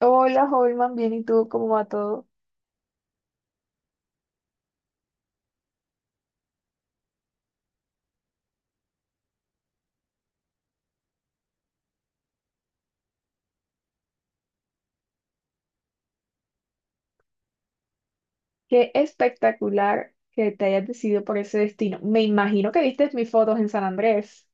Hola, Holman, bien, ¿y tú cómo va todo? Qué espectacular que te hayas decidido por ese destino. Me imagino que viste mis fotos en San Andrés.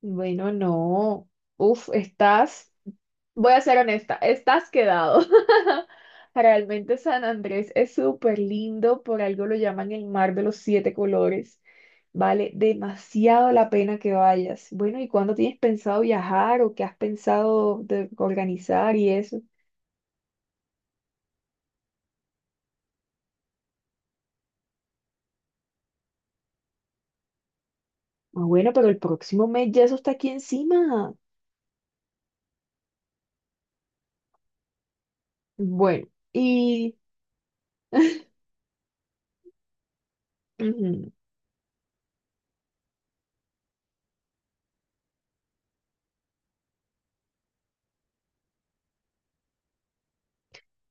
Bueno, no. Uf, estás, voy a ser honesta, estás quedado. Realmente San Andrés es súper lindo, por algo lo llaman el mar de los siete colores. Vale demasiado la pena que vayas. Bueno, ¿y cuándo tienes pensado viajar o qué has pensado de organizar y eso? Ah, bueno, pero el próximo mes ya eso está aquí encima. Bueno, y ujú,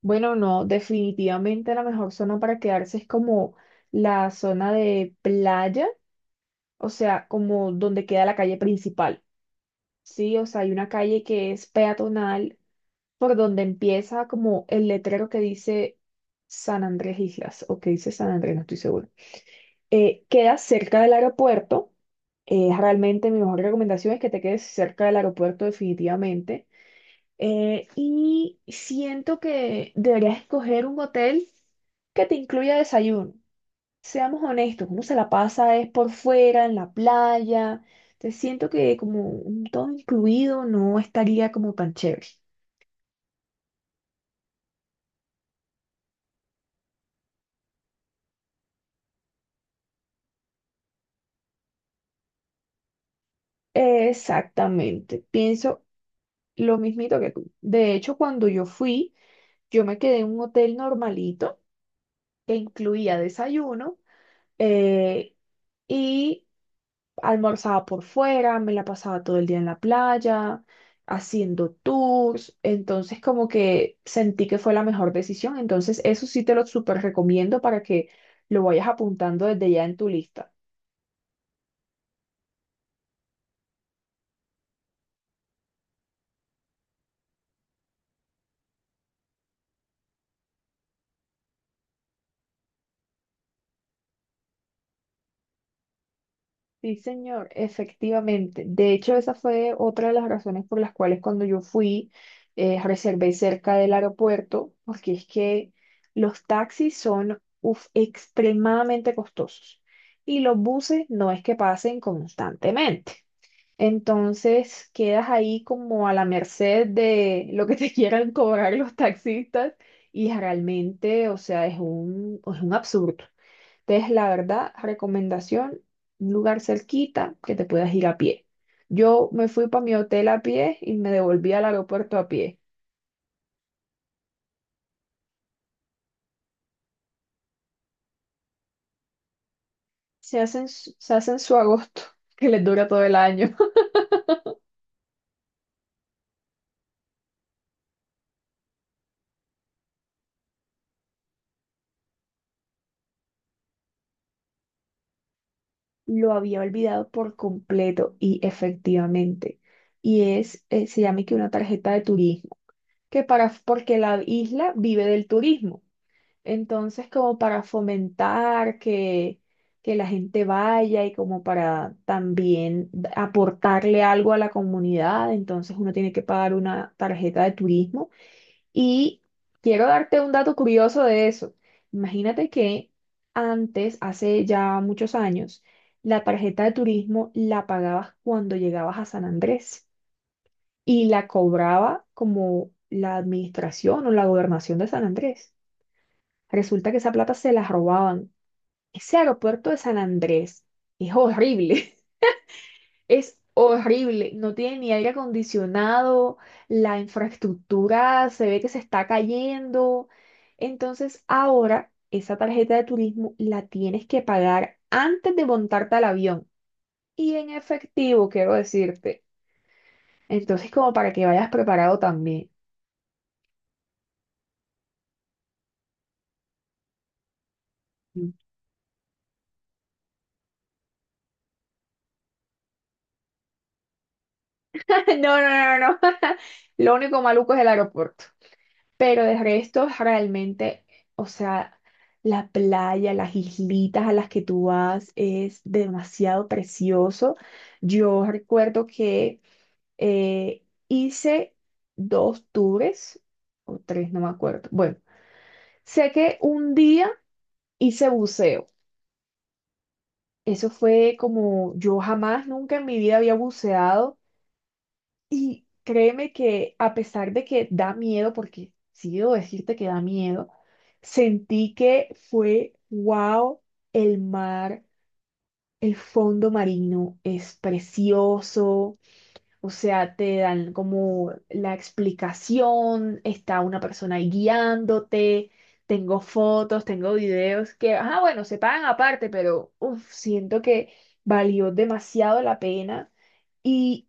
bueno, no, definitivamente la mejor zona para quedarse es como la zona de playa, o sea, como donde queda la calle principal. Sí, o sea, hay una calle que es peatonal por donde empieza como el letrero que dice San Andrés Islas, o que dice San Andrés, no estoy seguro. Queda cerca del aeropuerto. Realmente mi mejor recomendación es que te quedes cerca del aeropuerto definitivamente. Y siento que deberías escoger un hotel que te incluya desayuno. Seamos honestos, uno se la pasa es por fuera, en la playa. Te siento que como un todo incluido no estaría como tan chévere. Exactamente, pienso lo mismito que tú. De hecho, cuando yo fui, yo me quedé en un hotel normalito que incluía desayuno eh, y almorzaba por fuera, me la pasaba todo el día en la playa, haciendo tours, entonces como que sentí que fue la mejor decisión, entonces eso sí te lo súper recomiendo para que lo vayas apuntando desde ya en tu lista. Sí, señor, efectivamente. De hecho, esa fue otra de las razones por las cuales cuando yo fui, reservé cerca del aeropuerto, porque es que los taxis son uf, extremadamente costosos y los buses no es que pasen constantemente. Entonces, quedas ahí como a la merced de lo que te quieran cobrar los taxistas y realmente, o sea, es un absurdo. Entonces, la verdad, recomendación, un lugar cerquita que te puedas ir a pie. Yo me fui para mi hotel a pie y me devolví al aeropuerto a pie. Se hacen, se hacen su agosto, que les dura todo el año. Lo había olvidado por completo y efectivamente. Y es, se llama que una tarjeta de turismo, que para, porque la isla vive del turismo. Entonces, como para fomentar que la gente vaya y como para también aportarle algo a la comunidad, entonces uno tiene que pagar una tarjeta de turismo. Y quiero darte un dato curioso de eso. Imagínate que antes, hace ya muchos años, la tarjeta de turismo la pagabas cuando llegabas a San Andrés y la cobraba como la administración o la gobernación de San Andrés. Resulta que esa plata se la robaban. Ese aeropuerto de San Andrés es horrible, es horrible, no tiene ni aire acondicionado, la infraestructura se ve que se está cayendo. Entonces ahora esa tarjeta de turismo la tienes que pagar antes de montarte al avión y en efectivo, quiero decirte. Entonces como para que vayas preparado también. No, no, no, no. Lo único maluco es el aeropuerto. Pero de resto, realmente, o sea, la playa, las islitas a las que tú vas es demasiado precioso. Yo recuerdo que hice dos tours, o tres, no me acuerdo. Bueno, sé que un día hice buceo. Eso fue como yo jamás, nunca en mi vida había buceado. Y créeme que a pesar de que da miedo, porque sí debo decirte que da miedo, sentí que fue, wow, el mar, el fondo marino es precioso, o sea, te dan como la explicación, está una persona ahí guiándote, tengo fotos, tengo videos que, ah, bueno, se pagan aparte, pero uf, siento que valió demasiado la pena. y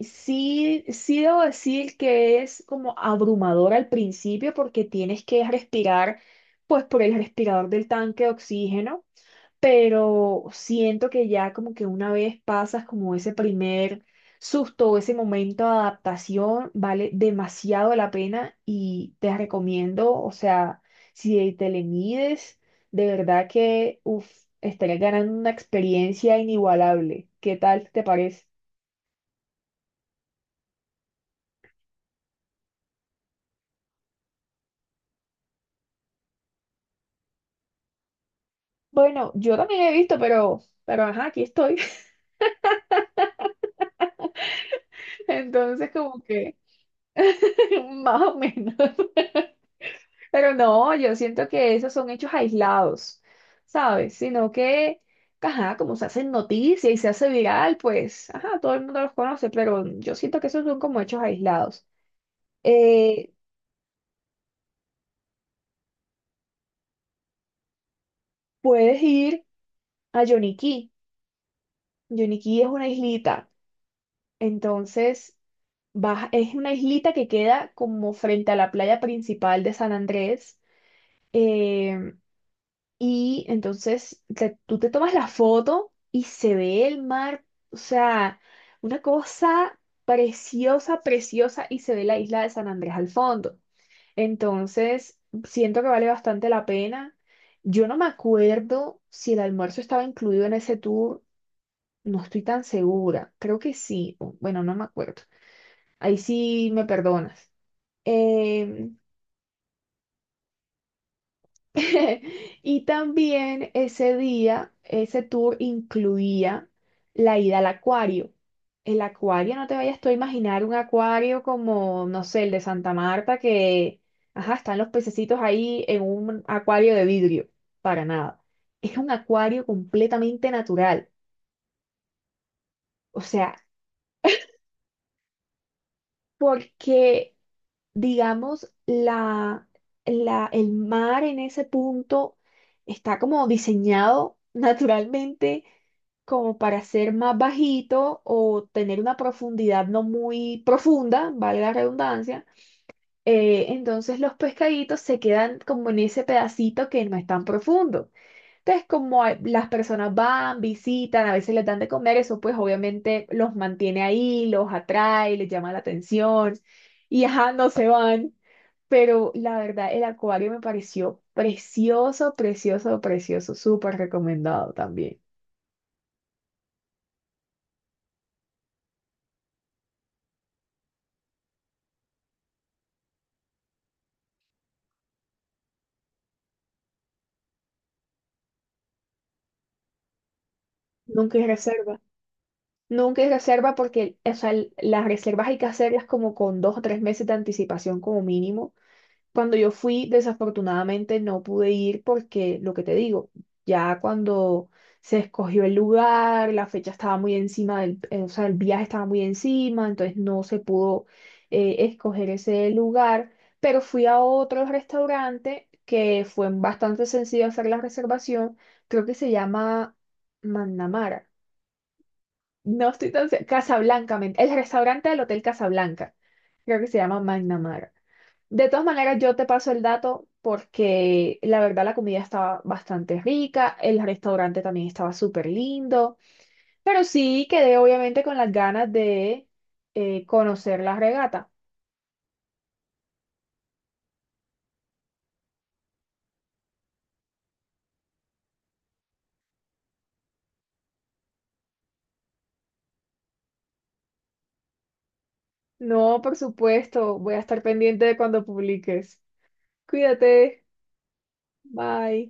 Sí, sí debo decir que es como abrumador al principio porque tienes que respirar pues por el respirador del tanque de oxígeno, pero siento que ya como que una vez pasas como ese primer susto o ese momento de adaptación, vale demasiado la pena y te recomiendo, o sea, si te le mides, de verdad que uf, estarías ganando una experiencia inigualable. ¿Qué tal te parece? Bueno, yo también he visto, pero ajá, aquí estoy. Entonces, como que más o menos. Pero no, yo siento que esos son hechos aislados, ¿sabes? Sino que, ajá, como se hacen noticia y se hace viral, pues, ajá, todo el mundo los conoce, pero yo siento que esos son como hechos aislados. Eh, Puedes ir a Yoniquí. Yoniquí es una islita. Entonces, vas, es una islita que queda como frente a la playa principal de San Andrés. Em, y entonces tú te tomas la foto y se ve el mar, o sea, una cosa preciosa, preciosa, y se ve la isla de San Andrés al fondo. Entonces, siento que vale bastante la pena. Yo no me acuerdo si el almuerzo estaba incluido en ese tour, no estoy tan segura, creo que sí, bueno, no me acuerdo. Ahí sí me perdonas. Em, Y también ese día, ese tour incluía la ida al acuario. El acuario, no te vayas tú a imaginar un acuario como, no sé, el de Santa Marta, que, ajá, están los pececitos ahí en un acuario de vidrio. Para nada. Es un acuario completamente natural. O sea, porque digamos, el mar en ese punto está como diseñado naturalmente como para ser más bajito o tener una profundidad no muy profunda, valga la redundancia. Entonces los pescaditos se quedan como en ese pedacito que no es tan profundo. Entonces, las personas van, visitan, a veces les dan de comer, eso pues obviamente los mantiene ahí, los atrae, les llama la atención y ajá, no se van. Pero la verdad, el acuario me pareció precioso, precioso, precioso. Súper recomendado también. Nunca hay reserva. Nunca hay reserva porque, o sea, las reservas hay que hacerlas como con dos o tres meses de anticipación como mínimo. Cuando yo fui, desafortunadamente no pude ir porque, lo que te digo, ya cuando se escogió el lugar, la fecha estaba muy encima o sea, el viaje estaba muy encima, entonces no se pudo escoger ese lugar, pero fui a otro restaurante que fue bastante sencillo hacer la reservación, creo que se llama Mandamara. No estoy tan... Casablanca, el restaurante del Hotel Casablanca. Creo que se llama Magnamara. De todas maneras, yo te paso el dato porque la verdad la comida estaba bastante rica, el restaurante también estaba súper lindo, pero sí quedé obviamente con las ganas de conocer la regata. No, por supuesto, voy a estar pendiente de cuando publiques. Cuídate, bye.